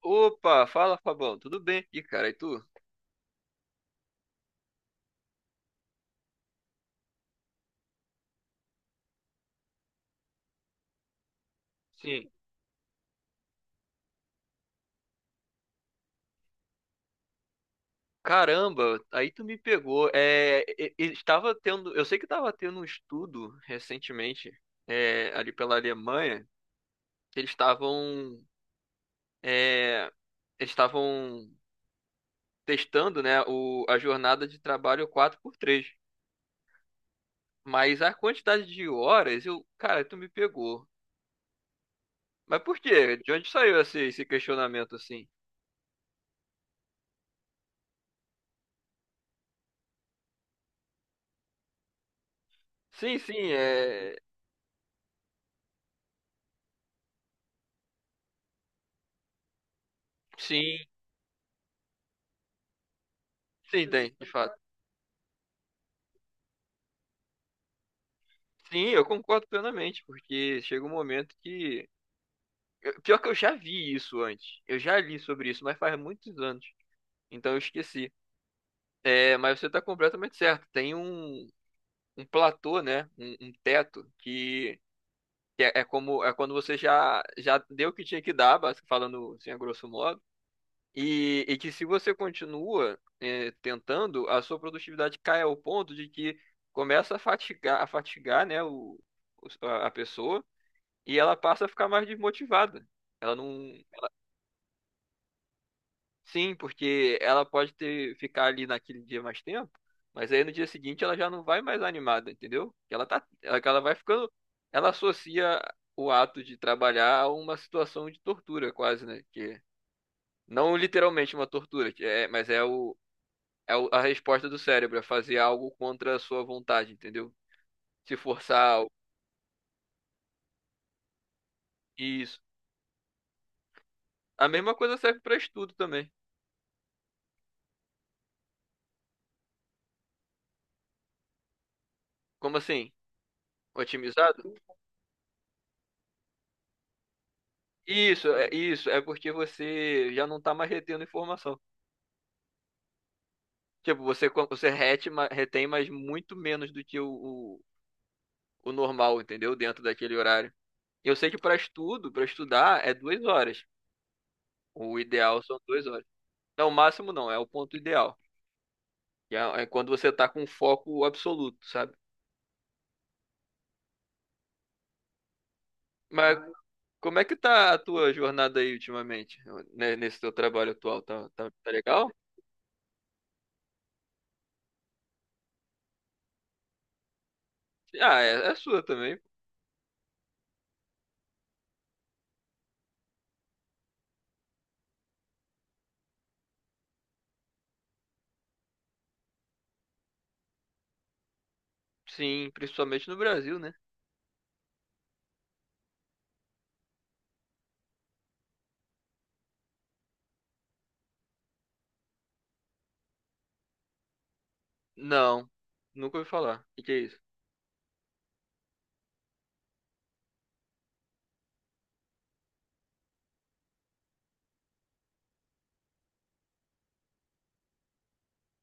Opa, fala Fabão, tudo bem? E cara, e tu? Sim. Caramba, aí tu me pegou. Estava tendo, eu sei que estava tendo um estudo recentemente, ali pela Alemanha, que é, eles estavam testando, né, a jornada de trabalho quatro por três. Mas a quantidade de horas, cara, tu me pegou. Mas por quê? De onde saiu esse questionamento assim? Sim, sim, sim, sim, tem, de fato. Sim, eu concordo plenamente, porque chega um momento que. Pior que eu já vi isso antes. Eu já li sobre isso, mas faz muitos anos. Então eu esqueci. Mas você está completamente certo. Tem um platô, né? Um teto que é como é quando você já deu o que tinha que dar, falando assim a grosso modo. E que se você continua tentando, a sua produtividade cai ao ponto de que começa a fatigar, né, a pessoa. E ela passa a ficar mais desmotivada. Ela não. Sim, porque ela pode ter ficar ali naquele dia mais tempo, mas aí no dia seguinte ela já não vai mais animada, entendeu? Ela vai ficando, ela associa o ato de trabalhar a uma situação de tortura, quase, né? Que não literalmente uma tortura, que é, mas a resposta do cérebro, é fazer algo contra a sua vontade, entendeu? Se forçar, isso. A mesma coisa serve para estudo também. Como assim? Otimizado? Isso, é porque você já não tá mais retendo informação. Tipo, você retém, mas muito menos do que o normal, entendeu? Dentro daquele horário. Eu sei que para estudar, é 2 horas. O ideal são 2 horas. Não, o máximo não, é o ponto ideal. É quando você tá com foco absoluto, sabe? Mas como é que tá a tua jornada aí ultimamente, né, nesse teu trabalho atual? Tá, tá, tá legal? Ah, é sua também. Sim, principalmente no Brasil, né? Não, nunca ouvi falar. O que que é isso?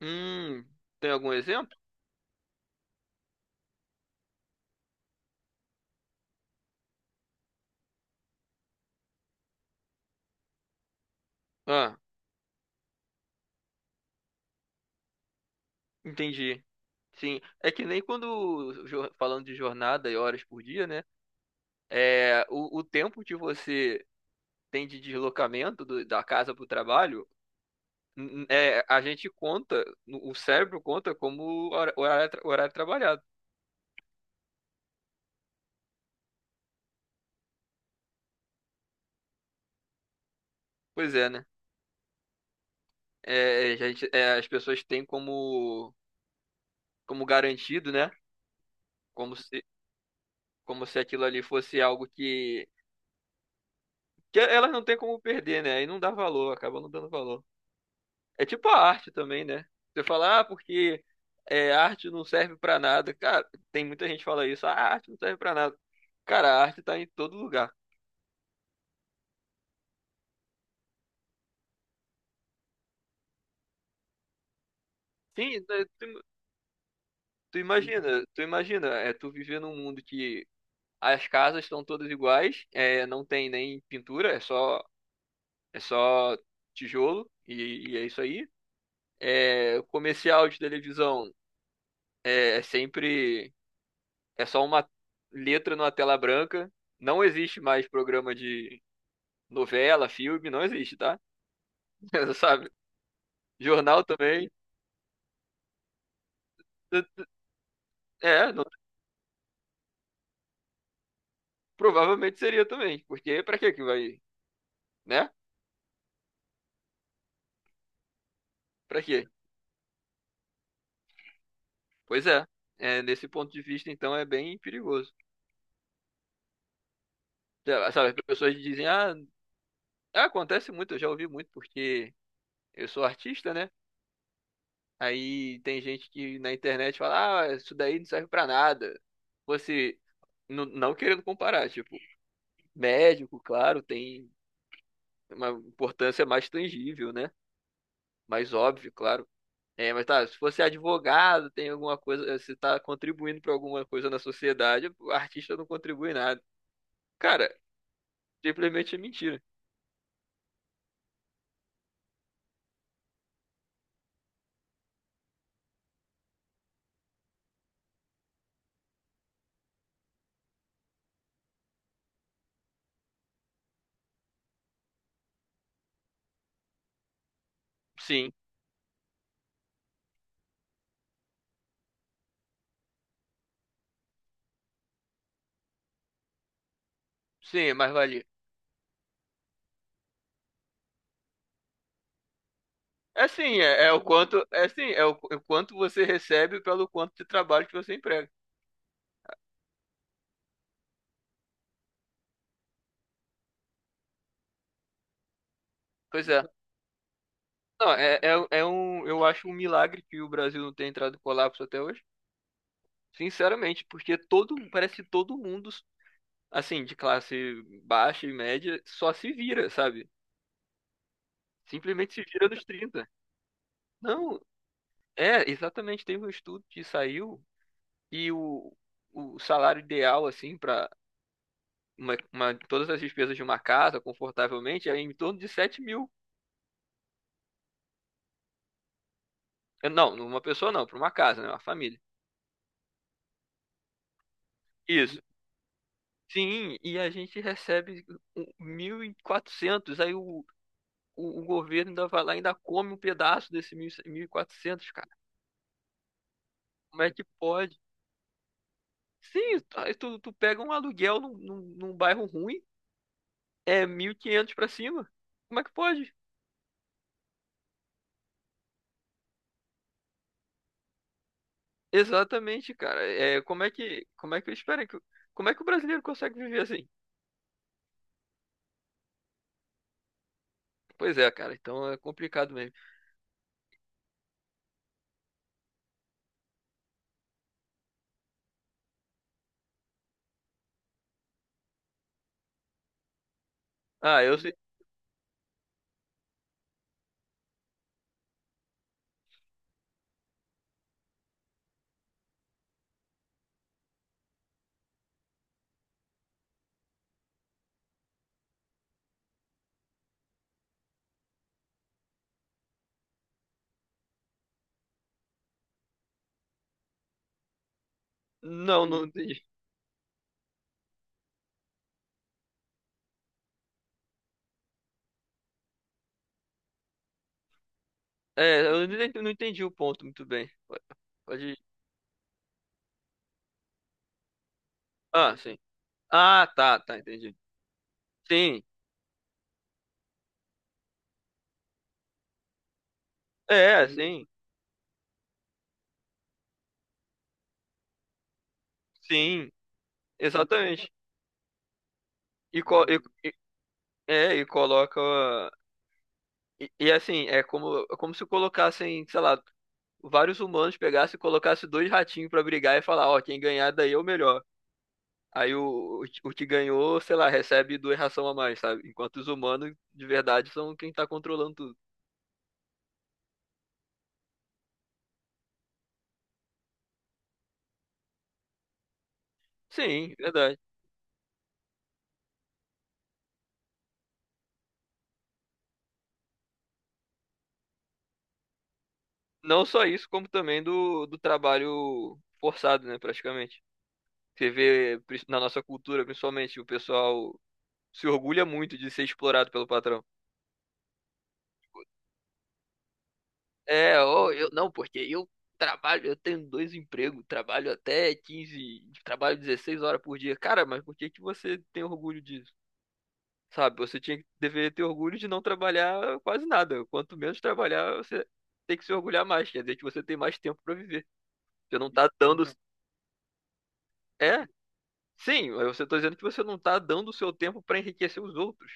Hum, tem algum exemplo? Ah, entendi. Sim, é que nem quando falando de jornada e horas por dia, né? É, o tempo que você tem de deslocamento da casa para o trabalho, a gente conta, o cérebro conta como horário, horário trabalhado. Pois é, né? As pessoas têm como garantido, né? Como se, como se aquilo ali fosse algo que elas não têm como perder, né? Aí não dá valor, acaba não dando valor. É tipo a arte também, né? Você fala, ah, porque arte não serve pra nada. Cara, tem muita gente que fala isso. Ah, a arte não serve pra nada. Cara, a arte tá em todo lugar. Sim, né, tu imagina, tu viver num mundo que as casas estão todas iguais, não tem nem pintura, é só tijolo e é isso aí. O comercial de televisão é, é sempre É só uma letra numa tela branca. Não existe mais programa de novela, filme, não existe, tá? Sabe? Jornal também. É, não- provavelmente seria também. Porque pra que que vai, né? Pra quê? Pois é. Nesse ponto de vista, então, é bem perigoso. Sabe as pessoas dizem, ah, acontece muito, eu já ouvi muito, porque eu sou artista, né? Aí tem gente que na internet fala, ah, isso daí não serve pra nada. Você, não querendo comparar, tipo, médico, claro, tem uma importância mais tangível, né? Mais óbvio, claro. Mas tá, se você é advogado, tem alguma coisa, se tá contribuindo para alguma coisa na sociedade, o artista não contribui nada. Cara, simplesmente é mentira. Sim, sim, é mais valia. É sim, é sim, é o quanto você recebe pelo quanto de trabalho que você emprega. Pois é. Não, eu acho um milagre que o Brasil não tenha entrado em colapso até hoje. Sinceramente, porque parece que todo mundo assim, de classe baixa e média, só se vira, sabe? Simplesmente se vira dos trinta. Não, exatamente. Teve um estudo que saiu e o salário ideal, assim, para todas as despesas de uma casa, confortavelmente, é em torno de 7.000. Não uma pessoa não, para uma casa, né? Uma família. Isso. Sim, e a gente recebe 1.400 aí o, o governo ainda vai lá e ainda come um pedaço desse 1.400, cara. Como é que pode? Sim, tu pega um aluguel num bairro ruim, é 1.500 pra cima. Como é que pode? Exatamente, cara. Como é que o brasileiro consegue viver assim? Pois é, cara, então é complicado mesmo. Ah, eu sei. Não, não entendi. Eu não entendi o ponto muito bem. Pode. Ah, sim. Ah, tá, tá, entendi. Sim. Sim. Sim, exatamente. E, co- e- é, e coloca assim, é como se colocassem, sei lá, vários humanos pegassem e colocassem dois ratinhos pra brigar e falar, ó, quem ganhar daí é o melhor. Aí o que ganhou, sei lá, recebe duas ração a mais, sabe? Enquanto os humanos, de verdade, são quem tá controlando tudo. Sim, verdade. Não só isso, como também do trabalho forçado, né, praticamente. Você vê na nossa cultura, principalmente, o pessoal se orgulha muito de ser explorado pelo patrão. Ou eu não, porque eu trabalho, eu tenho dois empregos, trabalho até 15, trabalho 16 horas por dia. Cara, mas por que que você tem orgulho disso? Sabe, você deveria ter orgulho de não trabalhar quase nada. Quanto menos trabalhar, você tem que se orgulhar mais. Quer dizer que você tem mais tempo pra viver. Você não tá dando. É, sim, eu só tô dizendo que você não tá dando o seu tempo pra enriquecer os outros.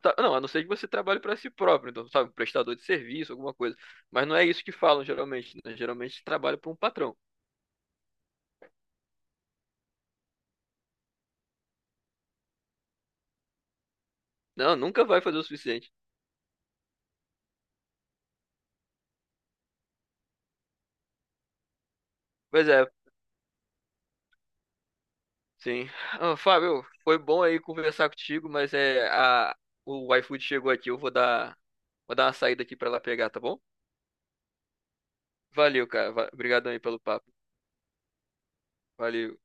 Não, a não ser que você trabalhe pra si próprio, então, sabe, um prestador de serviço, alguma coisa. Mas não é isso que falam geralmente, né? Geralmente trabalha para um patrão. Não, nunca vai fazer o suficiente. Pois é, sim. Ah, Fábio, foi bom aí conversar contigo, mas é a o iFood chegou aqui, eu vou dar uma saída aqui pra lá pegar, tá bom? Valeu, cara. Obrigadão aí pelo papo. Valeu.